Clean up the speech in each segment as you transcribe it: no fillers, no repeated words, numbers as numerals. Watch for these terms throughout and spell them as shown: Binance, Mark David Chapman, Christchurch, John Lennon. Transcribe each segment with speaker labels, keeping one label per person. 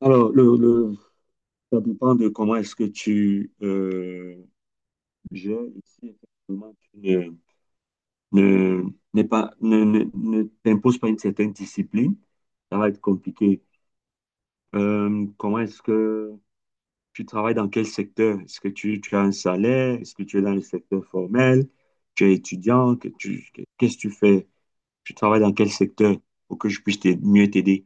Speaker 1: Alors, ça dépend de comment est-ce que tu gères ici. Effectivement, tu ne, ne- n'es pas, ne, ne- ne t'imposes pas une certaine discipline. Ça va être compliqué. Comment est-ce que tu travailles dans quel secteur? Est-ce que tu as un salaire? Est-ce que tu es dans le secteur formel? Tu es étudiant? Qu'est-ce que tu fais? Tu travailles dans quel secteur pour que je puisse mieux t'aider?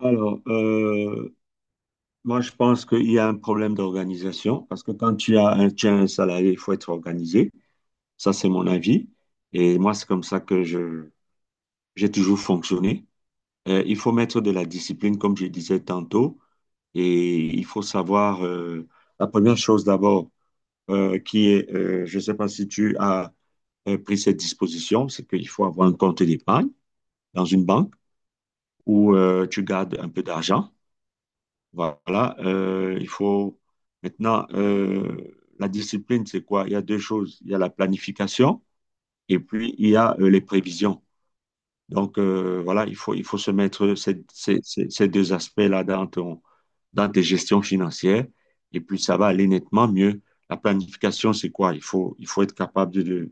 Speaker 1: Alors, moi, je pense qu'il y a un problème d'organisation parce que quand tu as un salarié, il faut être organisé. Ça, c'est mon avis. Et moi, c'est comme ça que j'ai toujours fonctionné. Il faut mettre de la discipline, comme je disais tantôt, et il faut savoir, la première chose d'abord, qui est, je ne sais pas si tu as pris cette disposition, c'est qu'il faut avoir un compte d'épargne dans une banque où tu gardes un peu d'argent. Voilà, il faut maintenant la discipline, c'est quoi? Il y a deux choses. Il y a la planification et puis il y a les prévisions. Donc voilà, il faut se mettre ces deux aspects-là dans dans tes gestions financières et puis ça va aller nettement mieux. La planification, c'est quoi? Il faut être capable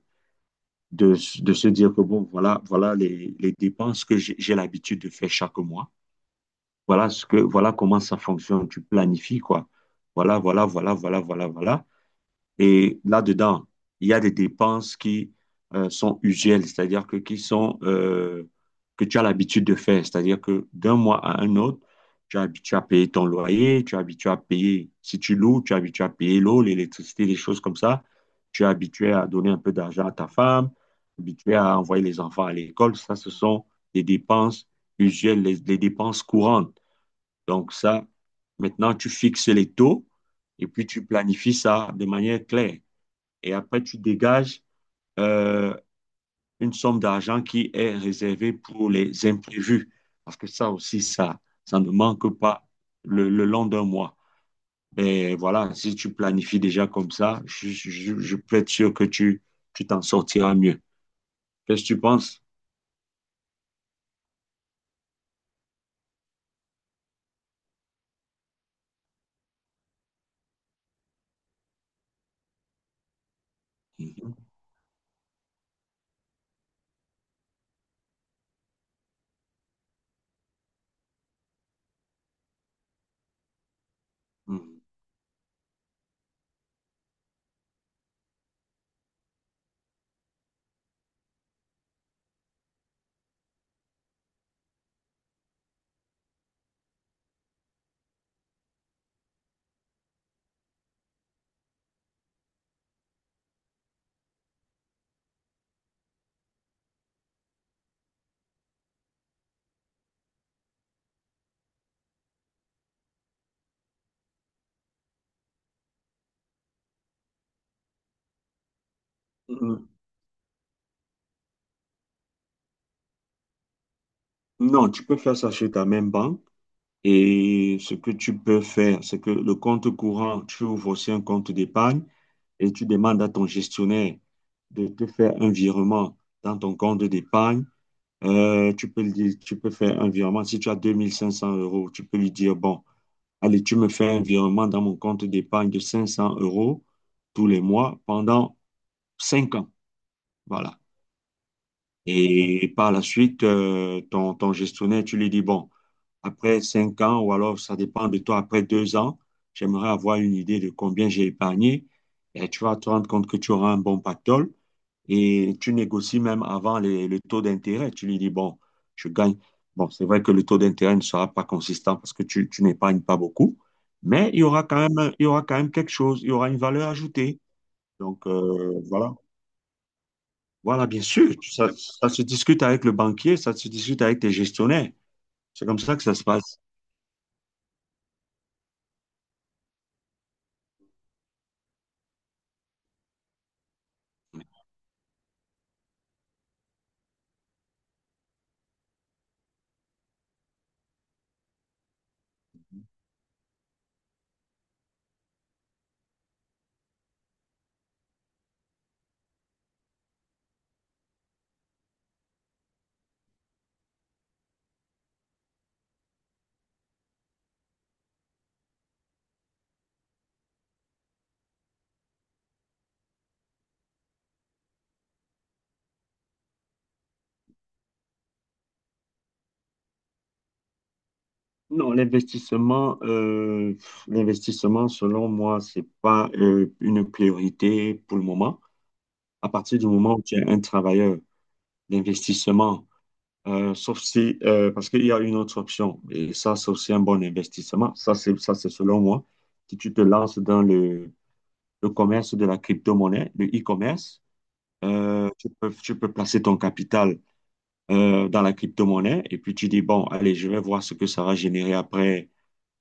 Speaker 1: de, de se dire que bon, voilà, voilà les dépenses que j'ai l'habitude de faire chaque mois. Voilà comment ça fonctionne. Tu planifies, quoi. Voilà, voilà, voilà, voilà, voilà, voilà. Et là-dedans, il y a des dépenses qui sont usuelles, c'est-à-dire que qui sont que tu as l'habitude de faire. C'est-à-dire que d'un mois à un autre, tu es habitué à payer ton loyer, tu es habitué à payer, si tu loues, tu es habitué à payer l'eau, l'électricité, des choses comme ça. Tu es habitué à donner un peu d'argent à ta femme, habitué à envoyer les enfants à l'école. Ça, ce sont des dépenses usuelles, les dépenses courantes. Donc ça, maintenant, tu fixes les taux et puis tu planifies ça de manière claire. Et après, tu dégages euh, une somme d'argent qui est réservée pour les imprévus. Parce que ça aussi, ça ne manque pas le long d'un mois. Et voilà, si tu planifies déjà comme ça, je peux être sûr que tu t'en sortiras mieux. Qu'est-ce que tu penses? Mhm. Mhm. Non, tu peux faire ça chez ta même banque. Et ce que tu peux faire, c'est que le compte courant, tu ouvres aussi un compte d'épargne et tu demandes à ton gestionnaire de te faire un virement dans ton compte d'épargne. Tu peux faire un virement. Si tu as 2500 euros, tu peux lui dire, bon, allez, tu me fais un virement dans mon compte d'épargne de 500 euros tous les mois pendant 5 ans. Voilà. Et par la suite, ton gestionnaire, tu lui dis, bon, après 5 ans, ou alors ça dépend de toi, après 2 ans, j'aimerais avoir une idée de combien j'ai épargné. Et tu vas te rendre compte que tu auras un bon pactole. Et tu négocies même avant le taux d'intérêt. Tu lui dis, bon, je gagne. Bon, c'est vrai que le taux d'intérêt ne sera pas consistant parce que tu n'épargnes pas beaucoup, mais il y aura quand même, il y aura quand même quelque chose, il y aura une valeur ajoutée. Donc, voilà. Voilà, bien sûr, ça se discute avec le banquier, ça se discute avec tes gestionnaires. C'est comme ça que ça se passe. Non, l'investissement, selon moi, c'est pas une priorité pour le moment. À partir du moment où tu es un travailleur d'investissement, sauf si, parce qu'il y a une autre option, et ça, c'est aussi un bon investissement. Ça, c'est selon moi. Si tu te lances dans le commerce de la crypto-monnaie, le e-commerce, tu peux placer ton capital dans la crypto-monnaie et puis tu dis, bon, allez, je vais voir ce que ça va générer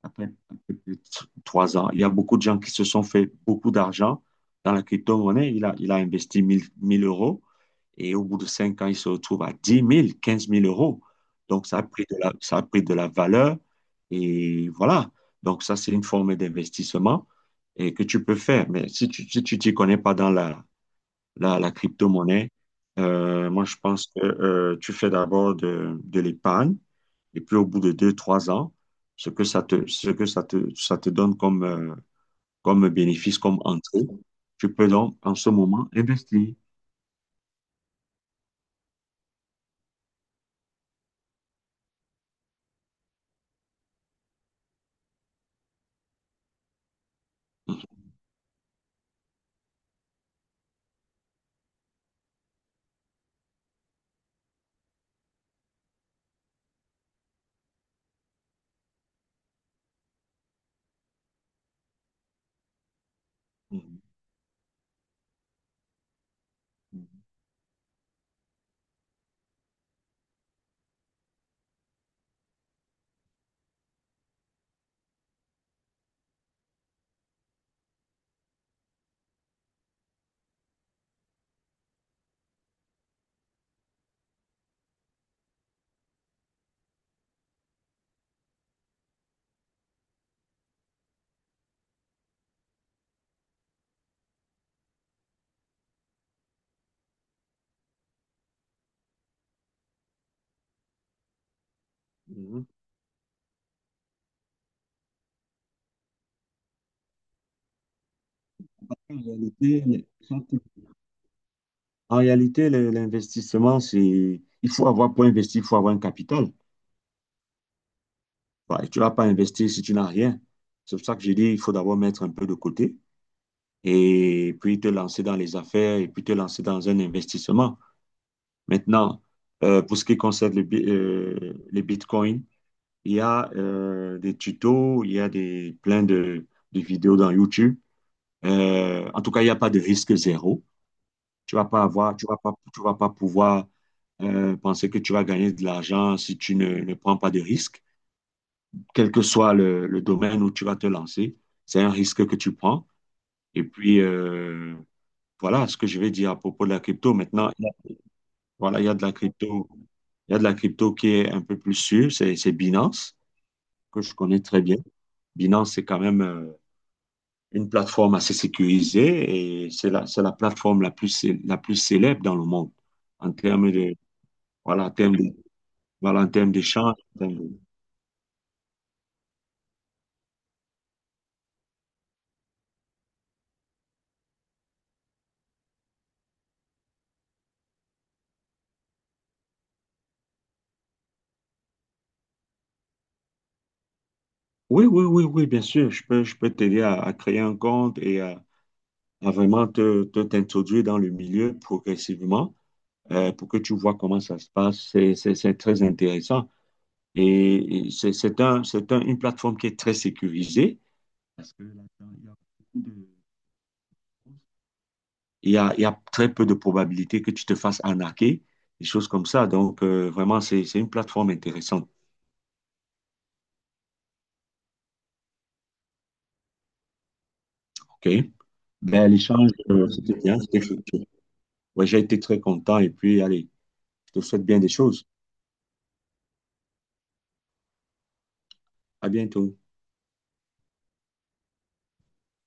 Speaker 1: après un peu plus de 3 ans. Il y a beaucoup de gens qui se sont fait beaucoup d'argent dans la crypto-monnaie. Il a investi 1000 euros et au bout de 5 ans, il se retrouve à 10 000 15 000 euros. Donc, ça a pris de la valeur et voilà. Donc, ça, c'est une forme d'investissement et que tu peux faire. Mais si tu t'y connais pas dans la crypto-monnaie. Moi, je pense que tu fais d'abord de l'épargne et puis au bout de 2, 3 ans, ce que ça te, ce que ça te donne comme, comme bénéfice, comme entrée, tu peux donc en ce moment investir. Mhm. Mhm. En réalité, en réalité, l'investissement, c'est, il faut avoir, pour investir, il faut avoir un capital. Bah, et tu ne vas pas investir si tu n'as rien. C'est pour ça que j'ai dit, il faut d'abord mettre un peu de côté. Et puis te lancer dans les affaires et puis te lancer dans un investissement. Maintenant, pour ce qui concerne les bitcoins, il y a des tutos, il y a plein de vidéos dans YouTube. En tout cas, il n'y a pas de risque zéro. Tu vas pas pouvoir penser que tu vas gagner de l'argent si tu ne, ne prends pas de risque. Quel que soit le domaine où tu vas te lancer, c'est un risque que tu prends. Et puis, voilà ce que je vais dire à propos de la crypto. Maintenant, voilà, il y a de la crypto qui est un peu plus sûre, c'est Binance, que je connais très bien. Binance, c'est quand même une plateforme assez sécurisée et c'est la plateforme la plus, la plus célèbre dans le monde en termes de, voilà, en termes de, voilà, en termes d'échange. Oui, oui, oui, oui, bien sûr, je peux t'aider à créer un compte et à vraiment t'introduire dans le milieu progressivement pour que tu vois comment ça se passe. C'est très intéressant. Et c'est une plateforme qui est très sécurisée. Parce que là-dedans, il y a très peu de probabilités que tu te fasses arnaquer, des choses comme ça. Donc, vraiment, c'est une plateforme intéressante. OK? Ben, l'échange, c'était bien, c'était fructueux. Ouais, j'ai été très content et puis, allez, je te souhaite bien des choses. À bientôt.